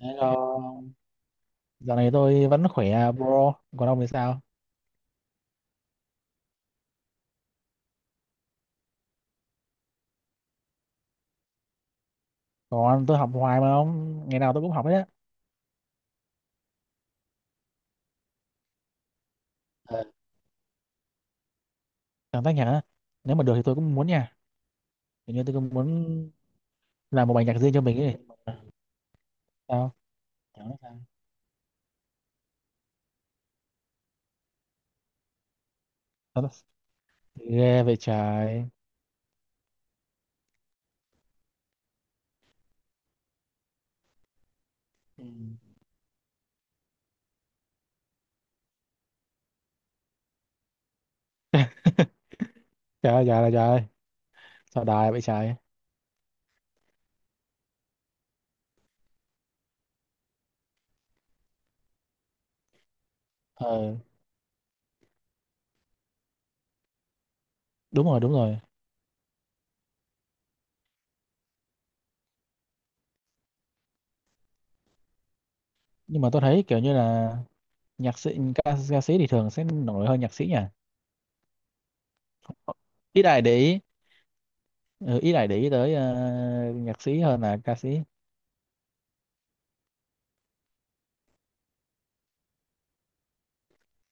Hello, dạo này tôi vẫn khỏe bro, còn ông thì sao? Còn tôi học hoài mà ông, ngày nào tôi cũng học hết á. Ờ, chẳng tách nhở, nếu mà được thì tôi cũng muốn nha. Kiểu như tôi cũng muốn làm một bài nhạc riêng cho mình ấy. Sao? Chẳng nói sao. Sao nó- Ghê vậy trời. Ừ. Trời ơi, trời ơi, trời ơi. Sao đài vậy trời. Ờ, đúng rồi, đúng rồi. Nhưng mà tôi thấy kiểu như là nhạc sĩ, ca sĩ thì thường sẽ nổi hơn nhạc sĩ nhỉ? Ít ai để ý, ừ, ít ai để ý tới nhạc sĩ hơn là ca sĩ.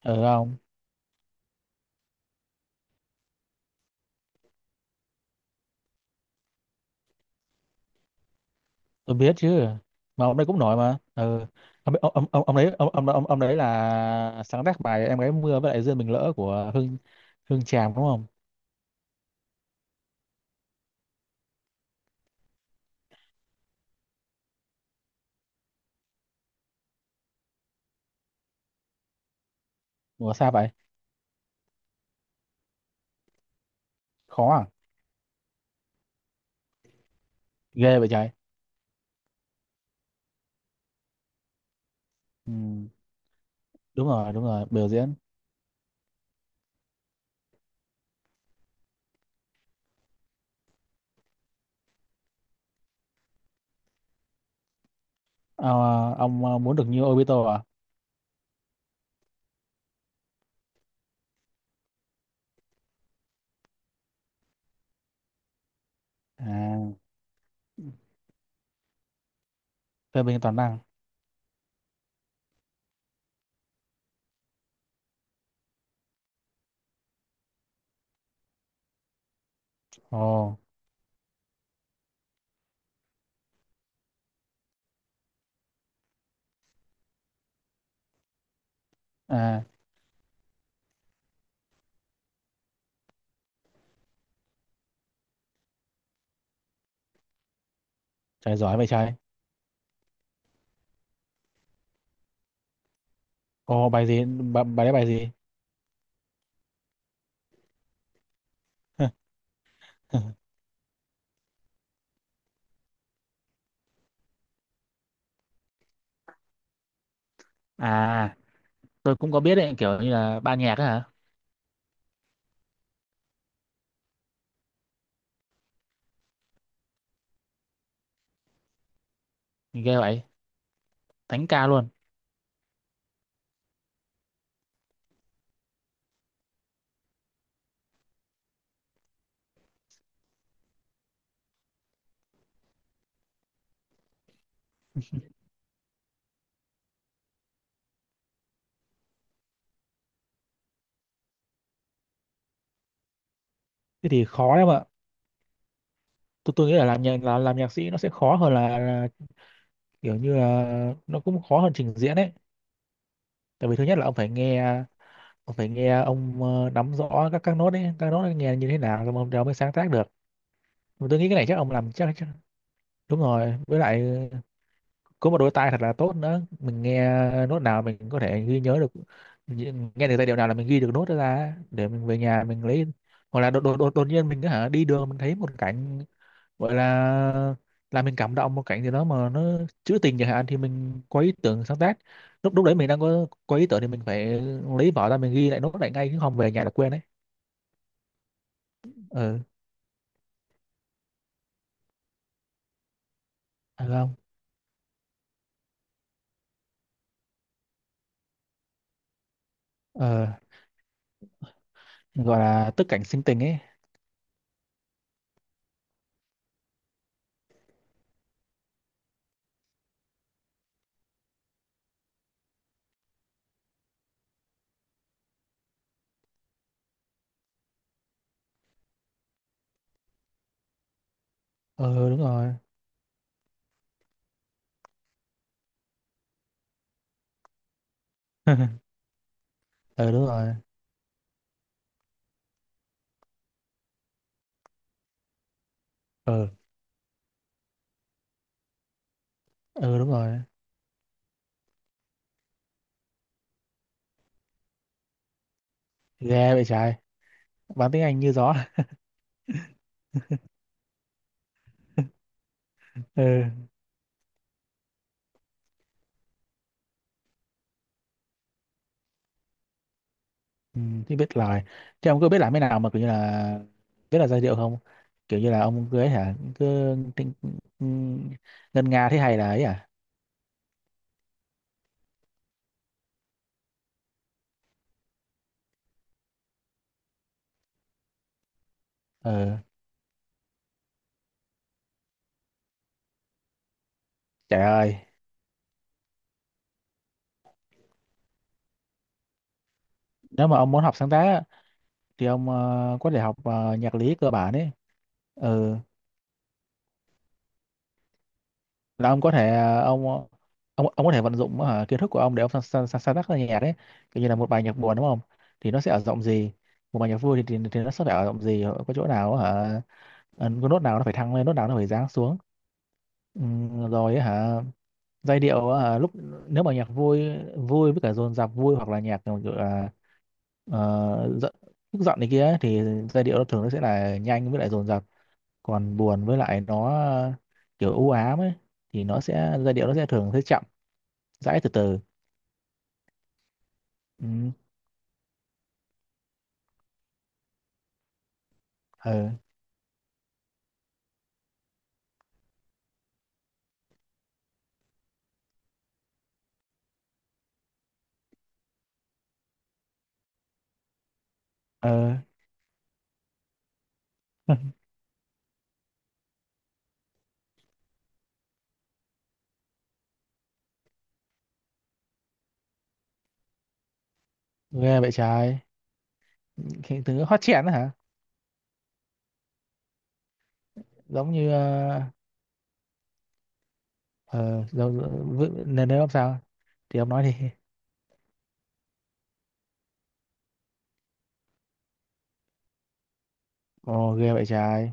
Ừ không? Tôi biết chứ mà ông đấy cũng nổi mà ừ. Ông đấy là sáng tác bài em gái mưa với lại duyên mình lỡ của Hương Hương Tràm đúng không. Ủa sao vậy. Khó à. Ghê vậy trời. Ừ. Đúng rồi đúng rồi biểu diễn. À, ông muốn được như Obito à. À, phê bình toàn năng. Ồ. À. Trời giỏi vậy trời. Ồ bài gì bài đấy bài gì. À tôi cũng có biết đấy kiểu như là ban nhạc á hả. Ghê vậy. Thánh ca luôn. Thế thì khó đấy mà. Tôi nghĩ là làm nhạc sĩ nó sẽ khó hơn là. Kiểu như là nó cũng khó hơn trình diễn ấy. Tại vì thứ nhất là ông phải nghe. Ông phải nghe ông nắm rõ các nốt ấy, các nốt ấy nghe như thế nào rồi ông mới sáng tác được. Mà tôi nghĩ cái này chắc ông làm chắc. Đúng rồi với lại có một đôi tai thật là tốt nữa mình nghe nốt nào mình có thể ghi nhớ được, nghe được giai điệu nào là mình ghi được nốt đó ra để mình về nhà mình lấy, hoặc là đột nhiên mình cứ hả đi đường mình thấy một cảnh. Vậy là mình cảm động một cảnh gì đó mà nó trữ tình chẳng hạn thì mình có ý tưởng sáng tác. Lúc lúc đấy mình đang có ý tưởng thì mình phải lấy vở ra mình ghi lại nốt lại ngay chứ không về nhà là quên đấy. Ừ, phải không? Ờ, gọi là tức cảnh sinh tình ấy. Ờ đúng rồi. Ờ đúng rồi. Ờ ờ đúng rồi. Ghê vậy trời. Bán tiếng Anh như gió. Ừ, ừ thì biết lời. Thế ông cứ biết làm thế nào mà kiểu như là biết là giai điệu không? Kiểu như là ông cứ cưới hả? Ngân nga thế hay là ấy à? Ừ trời ơi nếu mà ông muốn học sáng tác á, thì ông có thể học nhạc lý cơ bản ấy. Ừ là ông có thể ông ông có thể vận dụng kiến thức của ông để ông sáng tác ra nhạc ấy. Kiểu như là một bài nhạc buồn đúng không, thì nó sẽ ở giọng gì. Một bài nhạc vui thì thì nó sẽ phải ở giọng gì có chỗ nào hả. Có nốt nào nó phải thăng lên nốt nào nó phải giáng xuống. Ừ, rồi hả. Giai điệu à, lúc nếu mà nhạc vui, vui với cả dồn dập vui hoặc là nhạc kiểu kiểu là giận tức giận này kia ấy, thì giai điệu nó thường nó sẽ là nhanh với lại dồn dập. Còn buồn với lại nó kiểu u ám ấy, thì nó sẽ giai điệu nó sẽ thường sẽ chậm rãi từ từ. Ừ ờ ờ. Ghê vậy trái. Cái thứ hot trend đó hả. Giống như ờ, giống nên nếu ông sao thì ông nói đi. Ồ ghê vậy trái.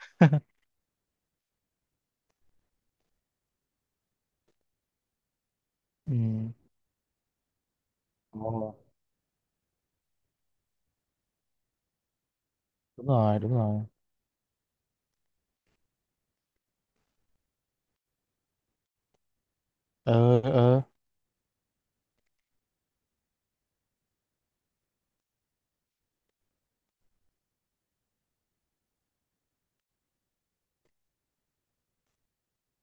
Ừ. Ồ. Đúng rồi đúng rồi. Ờ ờ.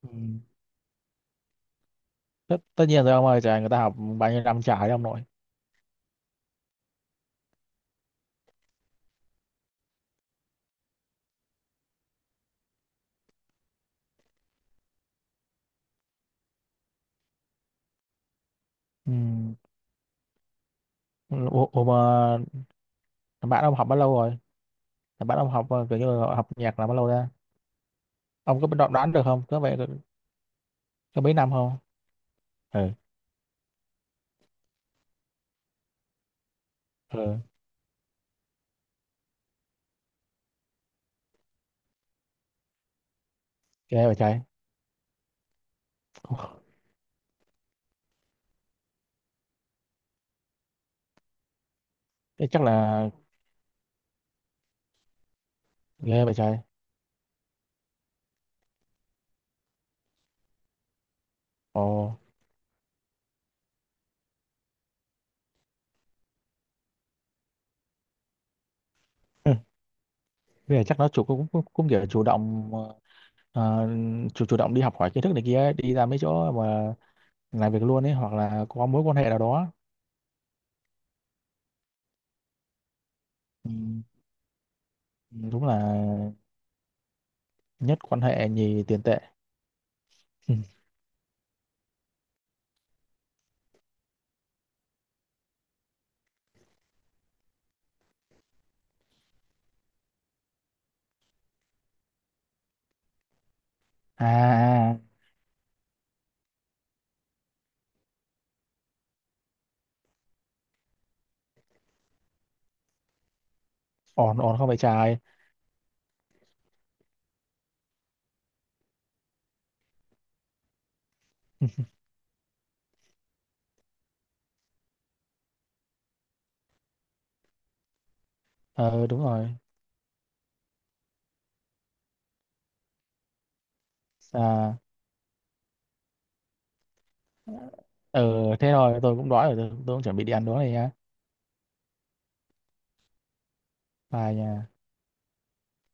Ừ. Tất nhiên rồi ông ơi trời người ta học bao nhiêu năm trời đấy ông nội. Ừ. Ủa mà thằng bạn ông học bao lâu rồi, thằng bạn ông học kiểu như là học nhạc là bao lâu ra. Ông có biết đoán đoán được không có vậy. Có mấy năm không. Ừ. Ừ. Ghê vậy trời. Ủa, thế chắc là ghê vậy trời ồ. Ừ. Bây giờ chắc nó chủ cũng cũng, cũng kiểu chủ động ờ, chủ chủ động đi học hỏi kiến thức này kia ấy, đi ra mấy chỗ mà làm việc luôn ấy hoặc là có mối quan hệ nào đó. Ừ. Đúng là nhất quan hệ nhì tiền tệ. Ừ. À à, ổn ổn không phải trái. Ờ đúng rồi. À. Ừ thế rồi tôi cũng đói rồi tôi cũng chuẩn bị đi ăn đói này nhá. Bye nha.